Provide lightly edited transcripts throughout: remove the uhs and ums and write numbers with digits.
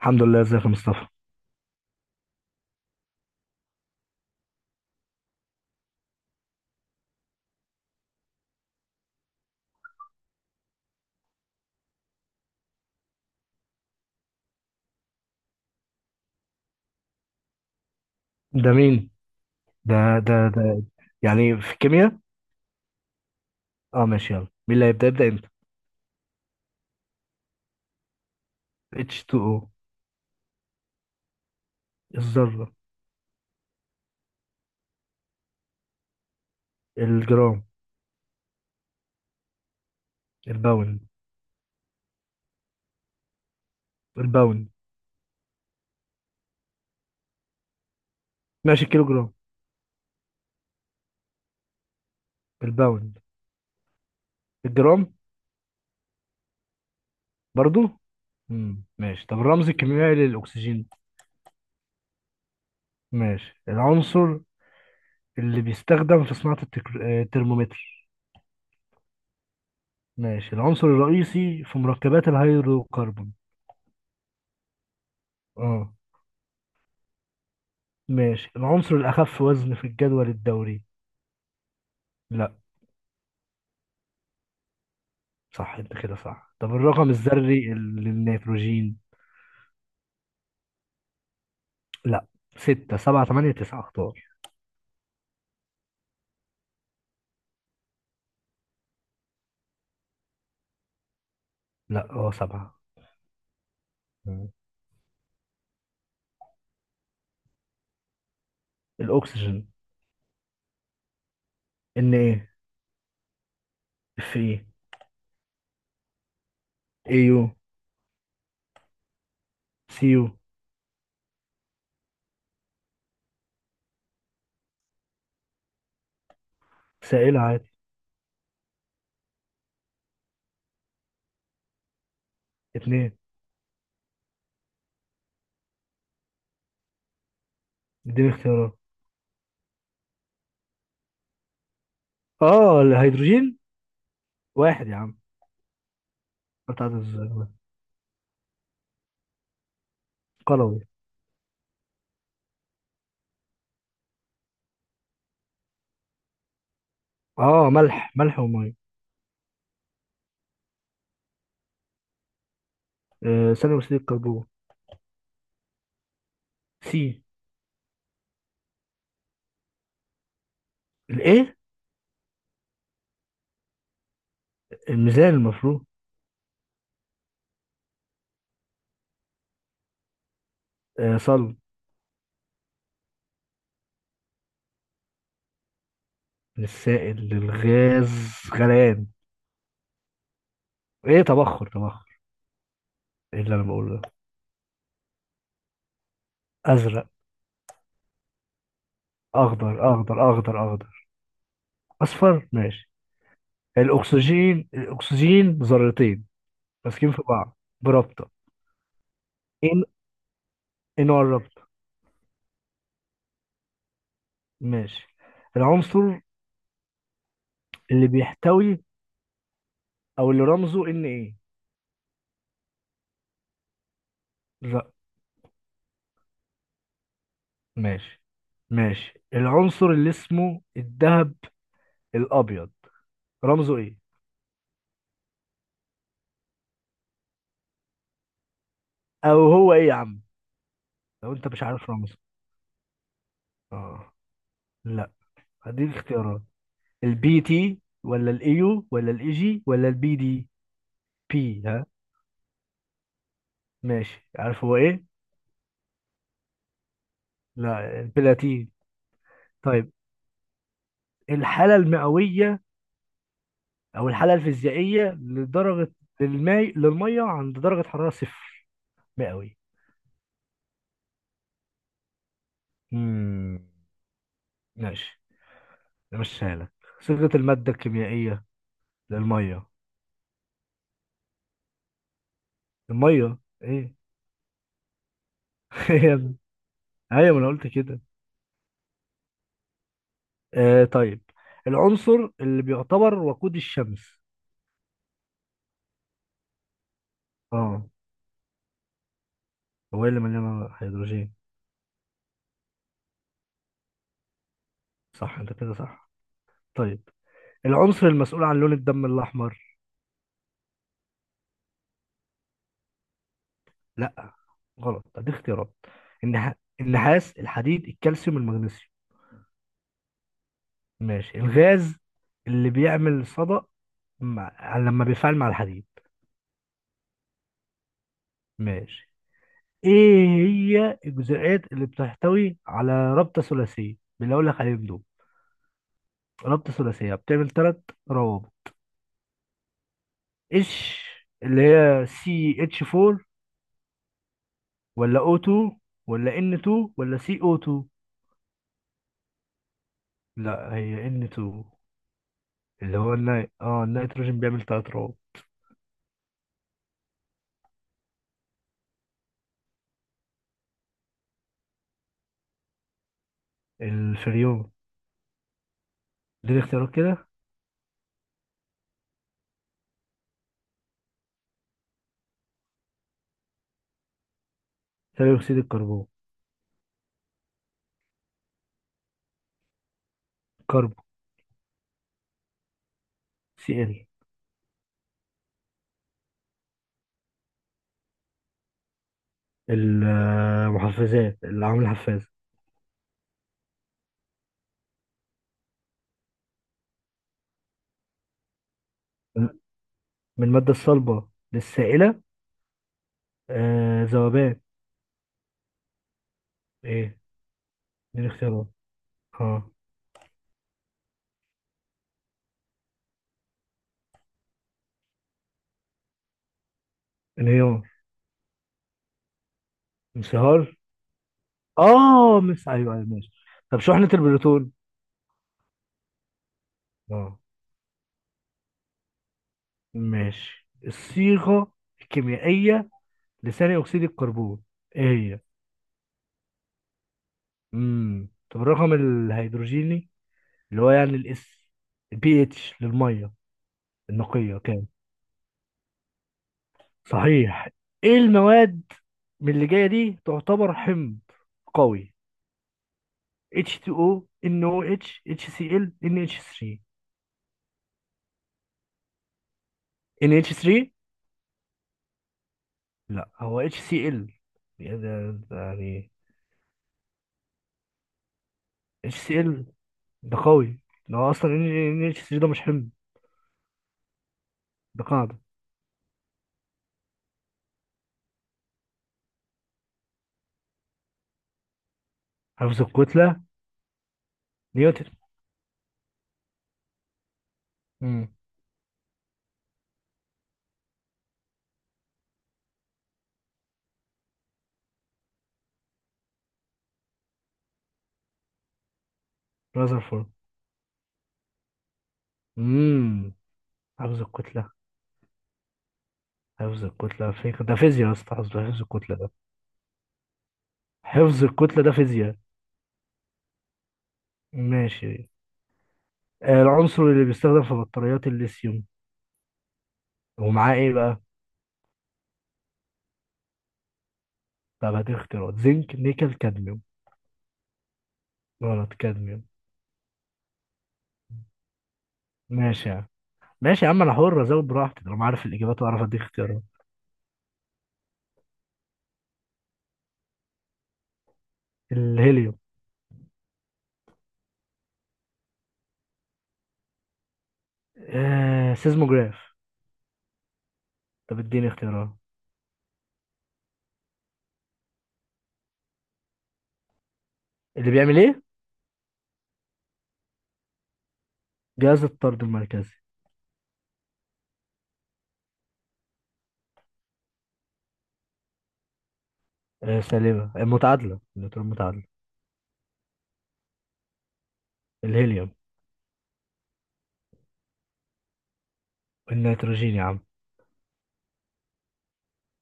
الحمد لله، ازيك يا مصطفى؟ ده مين؟ ده ده. يعني في الكيمياء. اه ماشي، يلا مين اللي هيبدأ؟ يبدأ انت. H2O. الذرة. الجرام. الباوند. الباوند. ماشي الكيلو جرام. الباوند. الجرام. برضو. مم. ماشي، طب الرمز الكيميائي للأكسجين؟ ماشي، العنصر اللي بيستخدم في صناعة الترمومتر. ماشي، العنصر الرئيسي في مركبات الهيدروكربون. اه. ماشي، العنصر الأخف وزن في الجدول الدوري. لا. صح، انت كده صح. طب الرقم الذري للنيتروجين؟ لا، ستة سبعة تمانية تسعة، اختار. لا، اه سبعة. مم. الأكسجين. إن إيه. إف إيه. إيه يو. سي يو. سائل عادي. اتنين. اديني اختيارات. اه الهيدروجين. واحد يا عم. بتاعت قلوي. اه، ملح ومية. آه، ثاني أكسيد الكربون. سي. الإيه؟ الميزان المفروض. آه صلب. من السائل للغاز. غليان. إيه، تبخر تبخر. إيه اللي أنا بقوله ده؟ ازرق. اخضر اخضر اخضر اخضر. اصفر ماشي. الاكسجين، الاكسجين ذرتين ماسكين في بعض برابطه. ان. ان هو الرابطه. ماشي، العنصر اللي بيحتوي او اللي رمزه ان ايه. ر... ماشي. ماشي، العنصر اللي اسمه الذهب الابيض، رمزه ايه؟ او هو ايه يا عم لو انت مش عارف رمزه. اه لا. هديك اختيارات، البي تي ولا الايو ولا الاي جي ولا البي دي. بي. ماشي، عارف هو ايه؟ لا، البلاتين. طيب، الحالة المئوية او الحالة الفيزيائية لدرجة، للماء، للمية عند درجة حرارة صفر مئوي. امم ماشي، مشيها لك. صيغة المادة الكيميائية للمية. المية. ايه؟ يا ابني، ايوه ما انا قلت كده. آه طيب، العنصر اللي بيعتبر وقود الشمس. اه. هو إيه اللي مليان هيدروجين؟ صح، انت كده صح. طيب، العنصر المسؤول عن لون الدم الأحمر. لا غلط، ادي اختيارات. النح... النحاس، الحديد، الكالسيوم، المغنيسيوم. ماشي، الغاز اللي بيعمل صدأ لما بيفعل مع الحديد. ماشي. ايه هي الجزيئات اللي بتحتوي على رابطة ثلاثية؟ باللي اقول لك عليهم دول، رابطة ثلاثية بتعمل ثلاث روابط. ايش؟ اللي هي سي اتش 4 ولا او 2 ولا ان 2 ولا سي او 2. لا، هي ان 2. اللي هو النيتروجين، بيعمل ثلاث روابط. الفريون. دي اختيارات كده. ثاني اكسيد الكربون. كربو. سي ال. المحفزات، اللي عامل الحفاز. من الماده الصلبه للسائله. آه ذوبان. ايه؟ دي الاختيارات. اه. انهيار. انصهار. اه مس ايوه ايوه ماشي. طب شحنه البروتون. اه. ماشي، الصيغه الكيميائيه لثاني اكسيد الكربون. ايه هي. امم، طب الرقم الهيدروجيني اللي هو يعني الاس، البي اتش للميه النقية، كانت؟ صحيح. ايه المواد من اللي جاية دي تعتبر حمض قوي؟ H2O، NOH، HCl، NH3. NH3. لا، هو HCl. يعني ده يعني. HCl ده قوي، ده هو اصلا. NH3 ده مش حمض، ده قاعدة. حفظ الكتلة. نيوتن. امم رذرفورد. امم حفظ الكتلة. حفظ الكتلة فيك ده فيزياء يا اسطى. حفظ الكتلة ده. حفظ الكتلة ده فيزياء. ماشي. آه، العنصر اللي بيستخدم في بطاريات الليثيوم، ومعاه ايه بقى؟ طب هدي اختيارات، زنك نيكل كادميوم. غلط، كادميوم. ماشي يا عم، ماشي يا عم، انا حر ازود براحتي طالما عارف الاجابات واعرف اديك اختيارات. الهيليوم. آه سيزموجراف. طب اديني اختيارات. اللي بيعمل ايه؟ جهاز الطرد المركزي. آه سالبة، المتعادلة، النيوترون متعادلة. الهيليوم. النيتروجين يا عم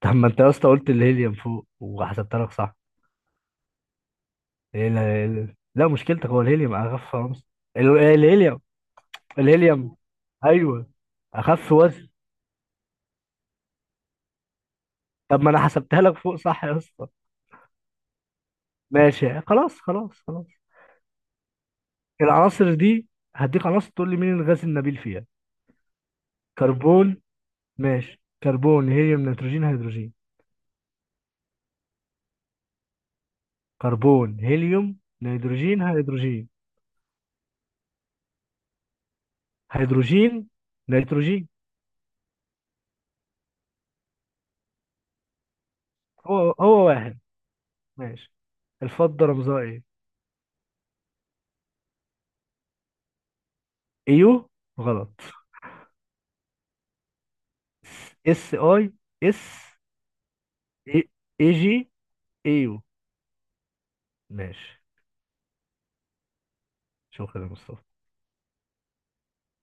طب ما انت يا اسطى قلت الهيليوم فوق وحسبتها لك صح. ايه لا مشكلتك، هو الهيليوم اخف خالص. الهيليوم. الهيليوم. ايوه، اخف وزن. طب ما انا حسبتها لك فوق صح يا اسطى. ماشي خلاص خلاص خلاص. العناصر دي، هديك عناصر تقول لي مين الغاز النبيل فيها. كربون. ماشي، كربون هيليوم نيتروجين هيدروجين. كربون هيليوم نيتروجين هيدروجين. هيدروجين نيتروجين. هو هو واحد. ماشي، الفضة رمزها ايه. ايو. غلط. اس اي. اس. اي جي. ايو ماشي. شكرا يا مصطفى.